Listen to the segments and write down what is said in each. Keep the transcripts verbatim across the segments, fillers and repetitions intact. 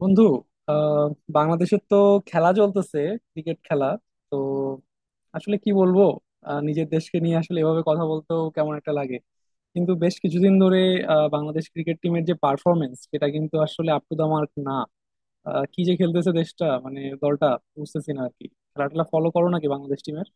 বন্ধু আহ বাংলাদেশের তো খেলা চলতেছে, ক্রিকেট খেলা। তো আসলে কি বলবো, আহ, নিজের দেশকে নিয়ে আসলে এভাবে কথা বলতেও কেমন একটা লাগে, কিন্তু বেশ কিছুদিন ধরে আহ, বাংলাদেশ ক্রিকেট টিমের যে পারফরমেন্স সেটা কিন্তু আসলে আপ টু দা মার্ক না। আহ, কি যে খেলতেছে দেশটা মানে দলটা, বুঝতেছি না আর কি। খেলাটা ফলো করো নাকি বাংলাদেশ টিমের?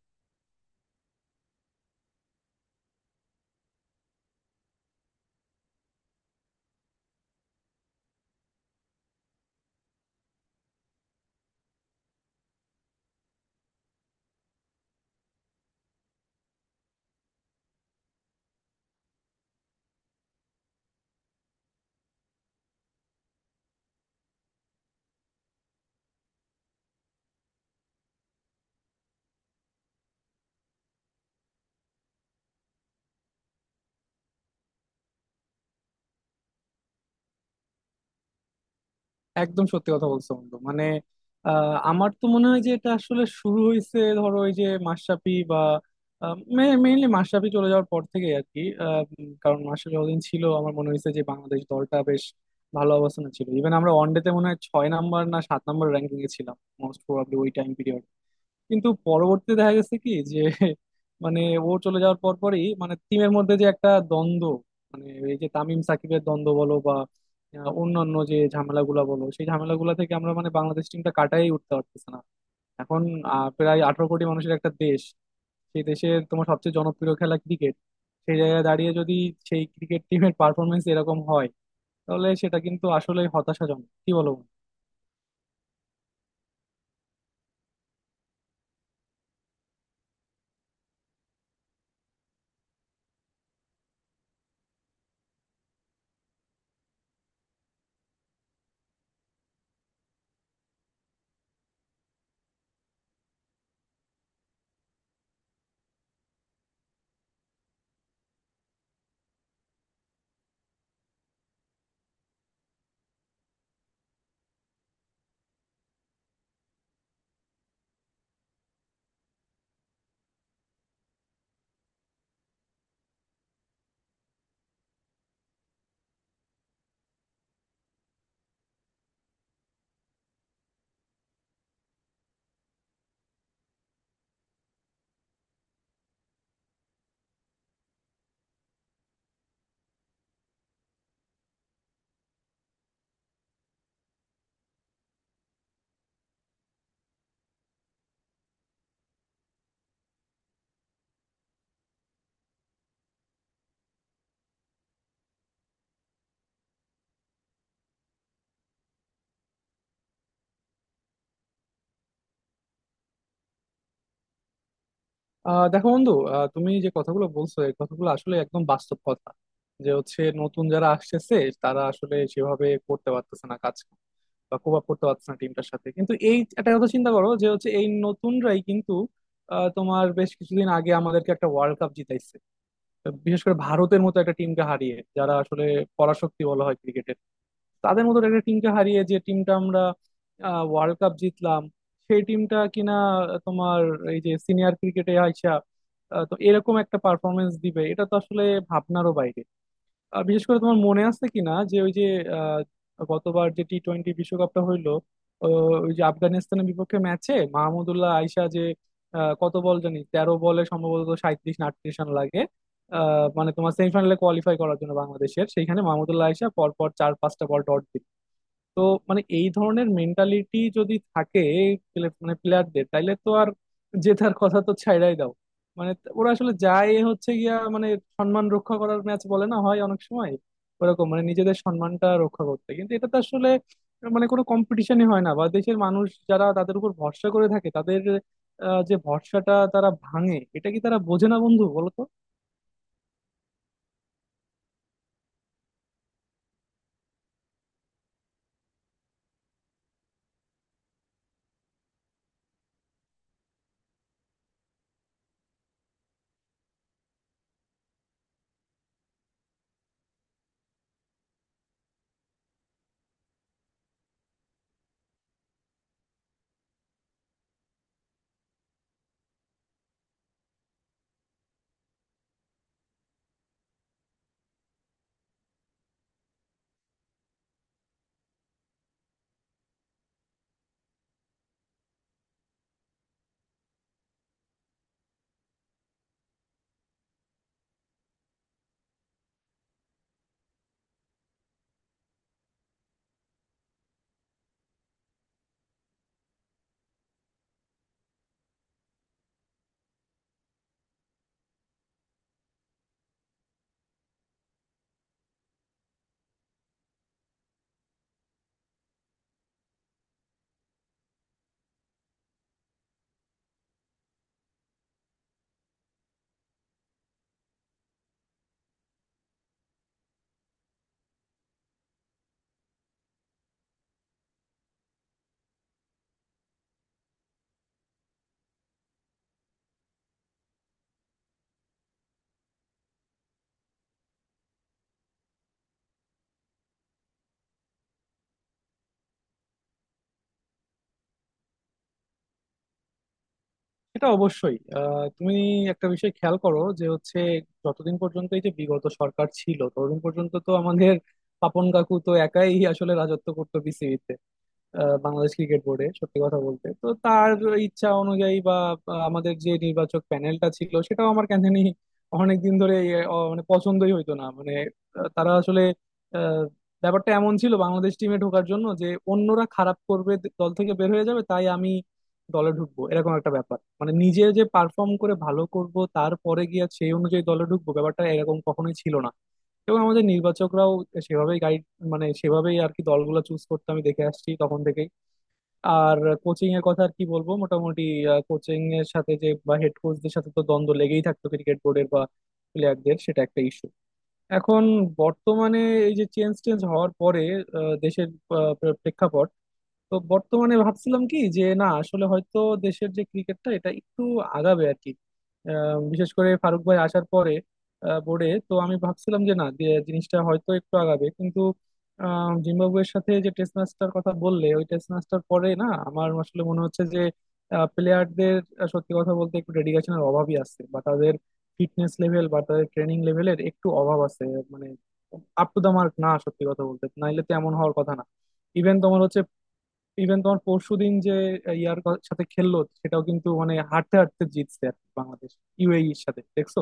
একদম সত্যি কথা বলছো বন্ধু, মানে আহ, আমার তো মনে হয় যে এটা আসলে শুরু হয়েছে ধরো ওই যে মাশরাফি বা মেইনলি মাশরাফি চলে যাওয়ার পর থেকে আর কি। আহ, উম, কারণ মাশরাফি যতদিন ছিল আমার মনে হয়েছে যে বাংলাদেশ দলটা বেশ ভালো অবস্থানে ছিল। ইভেন আমরা ওয়ানডেতে মনে হয় ছয় নাম্বার না সাত নাম্বার র্যাঙ্কিং এ ছিলাম মোস্ট প্রবাবলি ওই টাইম পিরিয়ডে। কিন্তু পরবর্তীতে দেখা গেছে কি যে মানে ও চলে যাওয়ার পর পরই মানে টিমের মধ্যে যে একটা দ্বন্দ্ব, মানে এই যে তামিম সাকিবের দ্বন্দ্ব বলো বা আহ, অন্যান্য যে ঝামেলাগুলা বলো, সেই ঝামেলাগুলা থেকে আমরা মানে বাংলাদেশ টিমটা কাটাই উঠতে পারতেছে না। এখন আহ, প্রায় আঠারো কোটি মানুষের একটা দেশ, সেই দেশের তোমার সবচেয়ে জনপ্রিয় খেলা ক্রিকেট, সেই জায়গায় দাঁড়িয়ে যদি সেই ক্রিকেট টিমের পারফরমেন্স এরকম হয় তাহলে সেটা কিন্তু আসলে হতাশাজনক, কি বলো? আহ দেখো বন্ধু, আহ, তুমি যে কথাগুলো বলছো এই কথাগুলো আসলে একদম বাস্তব কথা। যে হচ্ছে নতুন যারা আসতেছে তারা আসলে সেভাবে করতে পারতেছে না কাজ, বা কোপ আপ করতে পারতেছে না টিমটার সাথে। কিন্তু এই একটা কথা চিন্তা করো যে হচ্ছে এই নতুনরাই কিন্তু আহ, তোমার বেশ কিছুদিন আগে আমাদেরকে একটা ওয়ার্ল্ড কাপ জিতাইছে, বিশেষ করে ভারতের মতো একটা টিমকে হারিয়ে, যারা আসলে পরাশক্তি বলা হয় ক্রিকেট, তাদের মতো একটা টিমকে হারিয়ে যে টিমটা আমরা ওয়ার্ল্ড কাপ জিতলাম, সেই টিমটা কিনা আহ, তোমার এই যে সিনিয়র ক্রিকেটে আইসা আহ, তো এরকম একটা পারফরমেন্স দিবে এটা তো আসলে ভাবনারও বাইরে। আহ, বিশেষ করে তোমার মনে আছে কিনা যে ওই যে আহ, গতবার যে টি টোয়েন্টি বিশ্বকাপটা হইলো, ও, ওই যে আফগানিস্তানের বিপক্ষে ম্যাচে মাহমুদুল্লাহ আইসা যে আহ, কত বল জানি তেরো বলে সম্ভবত সাঁইত্রিশ না আটত্রিশ রান লাগে। আহ, মানে তোমার সেমিফাইনালে কোয়ালিফাই করার জন্য বাংলাদেশের, সেইখানে মাহমুদুল্লাহ আইসা পরপর চার পাঁচটা বল ডট দিল। তো মানে এই ধরনের মেন্টালিটি যদি থাকে প্লে- মানে প্লেয়ারদের, তাইলে তো আর জেতার কথা তো ছাইড়াই দাও। মানে ত- ওরা আসলে যায় হচ্ছে গিয়া মানে সম্মান রক্ষা করার ম্যাচ বলে না হয় অনেক সময়, ওরকম মানে নিজেদের সম্মানটা রক্ষা করতে। কিন্তু এটা তো আসলে মানে কোনো কম্পিটিশনই হয় না বা দেশের মানুষ যারা তাদের উপর ভরসা করে থাকে তাদের আহ, যে ভরসাটা তারা ভাঙে এটা কি তারা বোঝে না বন্ধু, বলো তো? এটা অবশ্যই। আহ, তুমি একটা বিষয় খেয়াল করো যে হচ্ছে যতদিন পর্যন্ত এই যে বিগত সরকার ছিল ততদিন পর্যন্ত তো আমাদের পাপন কাকু তো একাই আসলে রাজত্ব করতো বিসিবিতে। আহ, বাংলাদেশ ক্রিকেট বোর্ডে সত্যি কথা বলতে তো তার ইচ্ছা অনুযায়ী বা বা আমাদের যে নির্বাচক প্যানেলটা ছিল সেটাও আমার কেন জানি অনেকদিন ধরে এ, অ, মানে পছন্দই হইতো না, মানে আহ, তারা আসলে আহ, ব্যাপারটা এমন ছিল বাংলাদেশ টিমে ঢোকার জন্য যে অন্যরা খারাপ করবে, দ- দল থেকে বের হয়ে যাবে তাই আমি দলে ঢুকবো, এরকম একটা ব্যাপার। মানে নিজে যে পারফর্ম করে ভালো করব তারপরে গিয়ে সেই অনুযায়ী দলে ঢুকবো, ব্যাপারটা এরকম কখনোই ছিল না। এবং আমাদের নির্বাচকরাও সেভাবেই গাইড, মানে সেভাবেই আর কি দলগুলো চুজ করতে আমি দেখে আসছি তখন থেকেই। আর কোচিং এর কথা আর কি বলবো, মোটামুটি কোচিং এর সাথে যে বা হেড কোচদের সাথে তো দ্বন্দ্ব লেগেই থাকতো ক্রিকেট বোর্ডের বা প্লেয়ারদের, সেটা একটা ইস্যু। এখন বর্তমানে এই যে চেঞ্জ টেঞ্জ হওয়ার পরে আহ, দেশের আহ, প্রেক্ষাপট, তো বর্তমানে ভাবছিলাম কি যে না আসলে হয়তো দেশের যে ক্রিকেটটা এটা একটু আগাবে আর কি। আহ, বিশেষ করে ফারুক ভাই আসার পরে বোর্ডে তো আমি ভাবছিলাম যে না যে জিনিসটা হয়তো একটু আগাবে, কিন্তু আহ, জিম্বাবুয়ের সাথে যে টেস্ট ম্যাচটার কথা বললে ওই টেস্ট ম্যাচটার পরে না আমার আসলে মনে হচ্ছে যে প্লেয়ারদের সত্যি কথা বলতে একটু ডেডিকেশনের অভাবই আছে, বা তাদের ফিটনেস লেভেল বা তাদের ট্রেনিং লেভেলের একটু অভাব আছে, মানে আপ টু দা মার্ক না সত্যি কথা বলতে, নাইলে তো এমন হওয়ার কথা না। ইভেন তোমার হচ্ছে ইভেন তোমার পরশুদিন যে ইয়ার ক- সাথে খেললো সেটাও কিন্তু মানে হাঁটতে হাঁটতে জিতছে আর কি বাংলাদেশ, ইউএই এর সাথে দেখছো।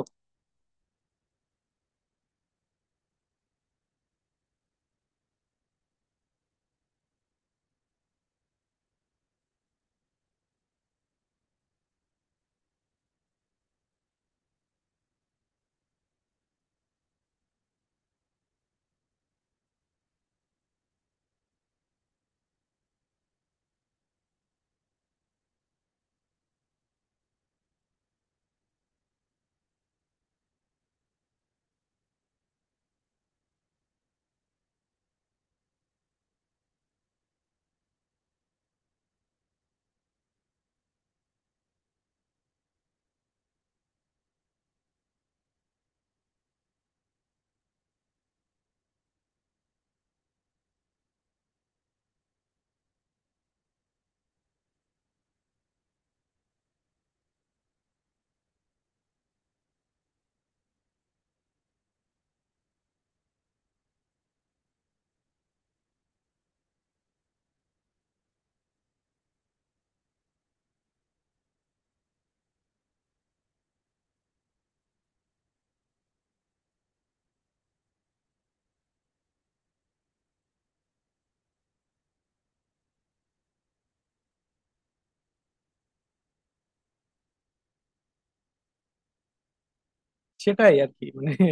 সেটাই আর কি মানে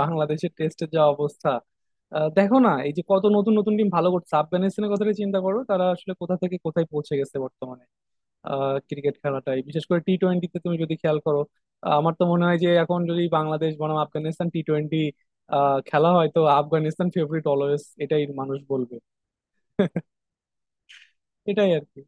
বাংলাদেশের টেস্টের যা অবস্থা। আহ, দেখো না এই যে কত নতুন নতুন টিম ভালো করছে, আফগানিস্তানের কথাটা চিন্তা করো, তারা আসলে কোথা থেকে কোথায় পৌঁছে গেছে বর্তমানে। আহ ক্রিকেট খেলাটাই বিশেষ করে টি টোয়েন্টিতে তুমি যদি খেয়াল করো, আহ, আমার তো মনে হয় যে এখন যদি বাংলাদেশ বনাম আফগানিস্তান টি টোয়েন্টি খেলা হয় তো আফগানিস্তান ফেভারিট অলওয়েজ, এটাই মানুষ বলবে। এটাই আর কি।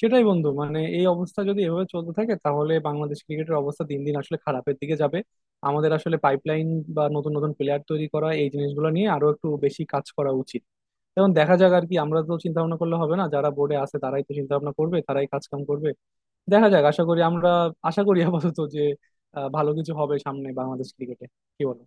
সেটাই বন্ধু, মানে এই অবস্থা যদি এভাবে চলতে থাকে তাহলে বাংলাদেশ ক্রিকেটের অবস্থা দিন দিন আসলে খারাপের দিকে যাবে। আমাদের আসলে পাইপলাইন বা নতুন নতুন প্লেয়ার তৈরি করা এই জিনিসগুলো নিয়ে আরো একটু বেশি কাজ করা উচিত। এখন দেখা যাক আর কি, আমরা তো চিন্তা ভাবনা করলে হবে না, যারা বোর্ডে আছে তারাই তো চিন্তা ভাবনা করবে, তারাই কাজ কাম করবে। দেখা যাক, আশা করি আমরা, আশা করি আপাতত যে আহ, ভালো কিছু হবে সামনে বাংলাদেশ ক্রিকেটে, কি বল?